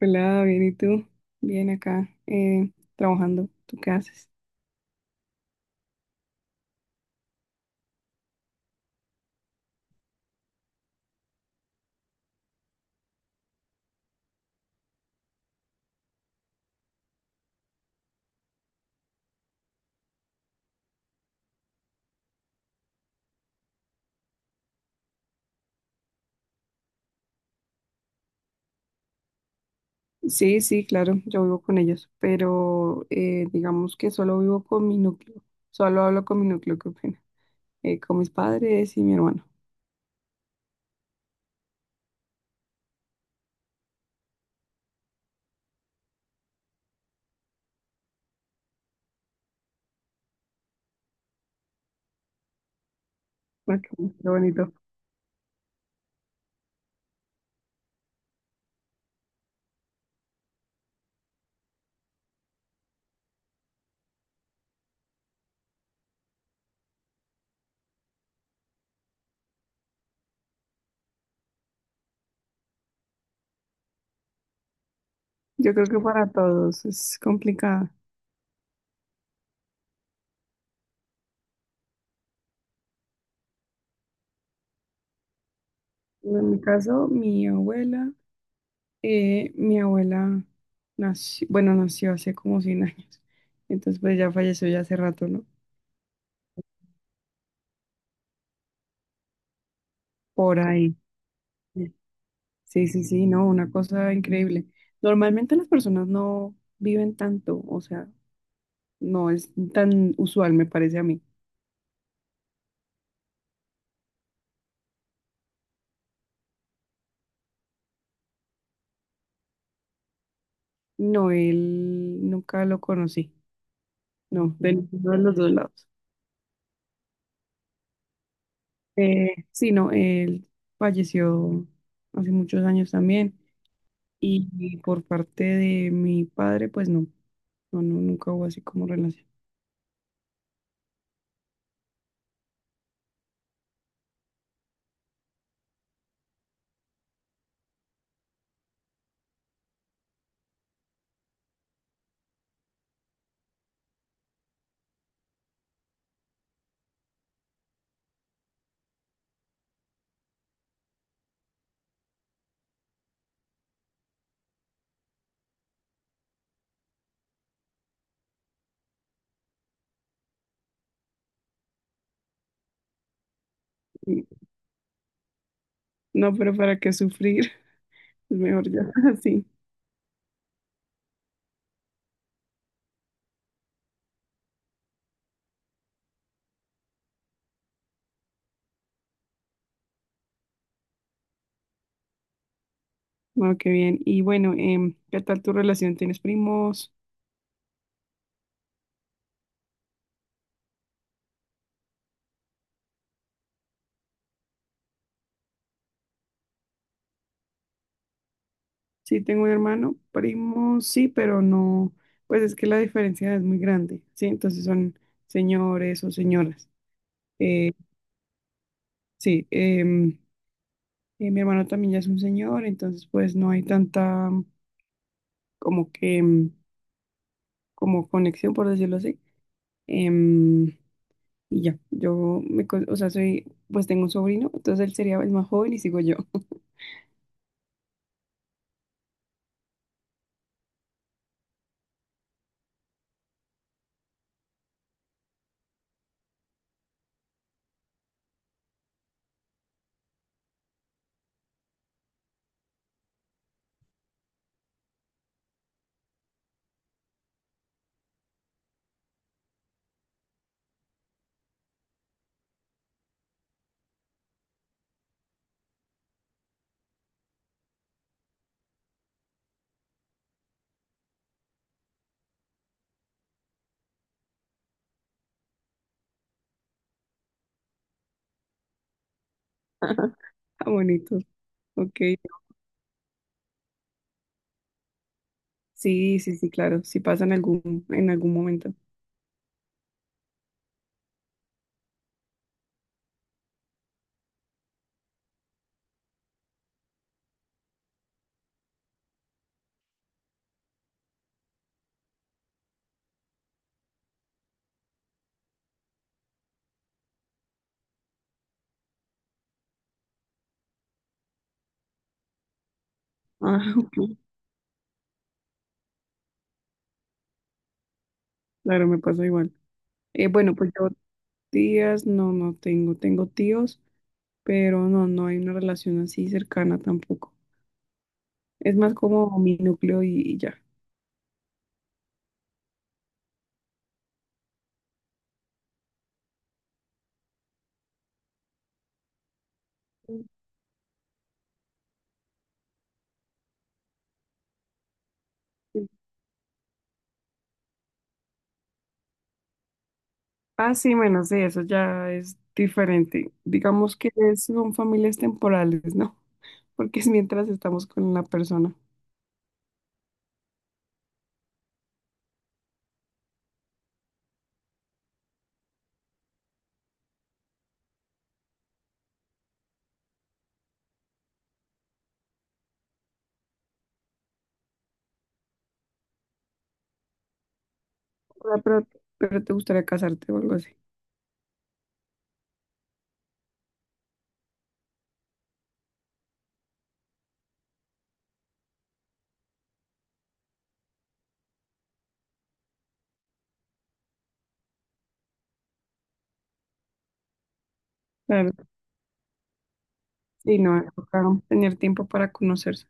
Hola, bien, ¿y tú? Bien acá, trabajando. ¿Tú qué haces? Sí, sí, claro, yo vivo con ellos, pero digamos que solo vivo con mi núcleo. Solo hablo con mi núcleo, qué pena. Con mis padres y mi hermano. Ok, qué bonito. Yo creo que para todos es complicada. En mi caso, mi abuela nació, bueno, nació hace como 100 años. Entonces, pues ya falleció ya hace rato, ¿no? Por ahí. Sí, sí, sí, no, una cosa increíble. Normalmente las personas no viven tanto, o sea, no es tan usual, me parece a mí. No, él nunca lo conocí, no, de ninguno de los dos lados. Sí, no, él falleció hace muchos años también, y por parte de mi padre, pues no, no, no, nunca hubo así como relación. Y- No, pero para qué sufrir, es mejor ya así. Bueno, qué bien. Y bueno, ¿qué tal tu relación? ¿Tienes primos? Sí, tengo un hermano, primo, sí, pero no, pues es que la diferencia es muy grande, ¿sí? Entonces son señores o señoras. Eh, sí, mi hermano también ya es un señor, entonces pues no hay tanta como que, como conexión, por decirlo así. Em, y ya, O sea, pues tengo un sobrino, entonces él sería el más joven y sigo yo. Ah, bonito, ok. Sí, sí, sí, claro, sí pasa en algún momento. Ah, ok, claro, me pasa igual. Bueno, pues yo tías, no tengo, tengo tíos, pero no hay una relación así cercana tampoco. Es más como mi núcleo y ya. Sí. Ah, sí, bueno, sí, eso ya es diferente. Digamos que son familias temporales, ¿no? Porque es mientras estamos con la persona. O sea, pero te gustaría casarte o algo así. Claro, sí, no, toca tener tiempo para conocerse.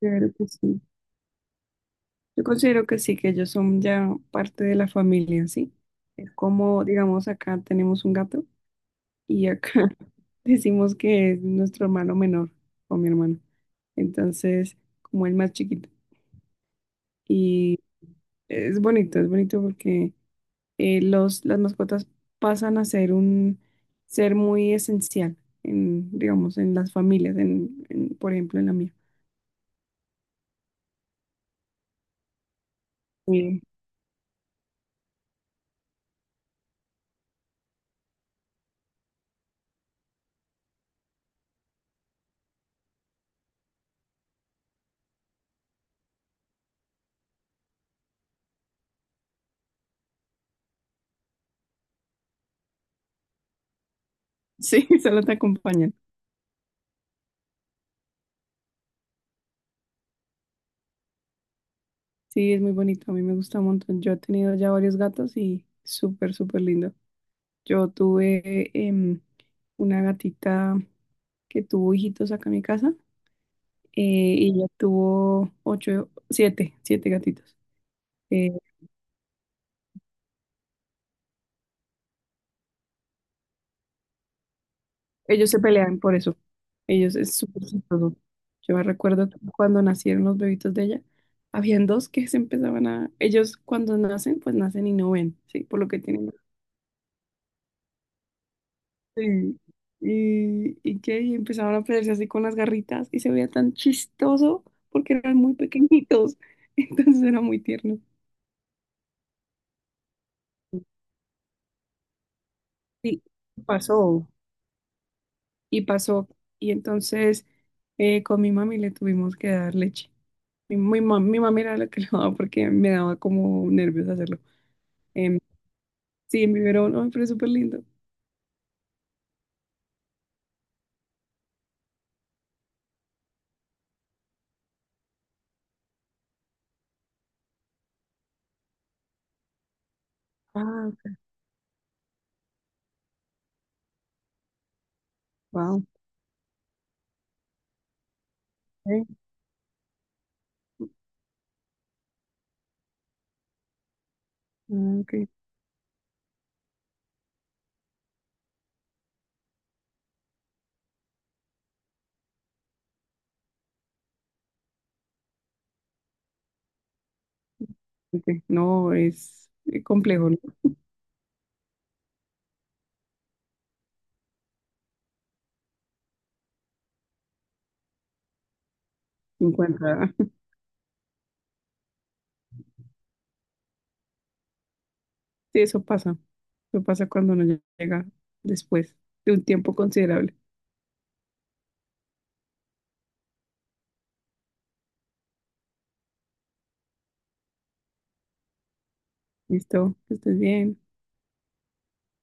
Claro que sí. Yo considero que sí, que ellos son ya parte de la familia en sí. Es como, digamos, acá tenemos un gato y acá decimos que es nuestro hermano menor o mi hermano. Entonces, como el más chiquito. Y es bonito porque las mascotas pasan a ser un ser muy esencial en, digamos, en las familias, en, por ejemplo, en la mía. Sí, sí, solo te acompañan. Sí, es muy bonito, a mí me gusta un montón. Yo he tenido ya varios gatos y súper, súper lindo. Yo tuve una gatita que tuvo hijitos acá en mi casa, eh, y ella tuvo ocho, siete gatitos. Eh, Ellos se pelean por eso. Ellos es súper chistoso. Yo me recuerdo que cuando nacieron los bebitos de ella, habían dos que se empezaban a... Ellos cuando nacen, pues nacen y no ven, ¿sí? Por lo que tienen. Sí. Y empezaban a pelearse así con las garritas y se veía tan chistoso porque eran muy pequeñitos. Entonces era muy tierno. Sí, pasó. Y pasó. Y entonces, con mi mami le tuvimos que dar leche. Mi mami era la que le daba porque me daba como nervios hacerlo. Em, sí, en biberón, ay, pero es súper lindo. Ah, wow. Ok, ah, ok, ok. No, es complejo, ¿no? 50. Sí, eso pasa. Eso pasa cuando uno llega después de un tiempo considerable. Listo, que estés bien.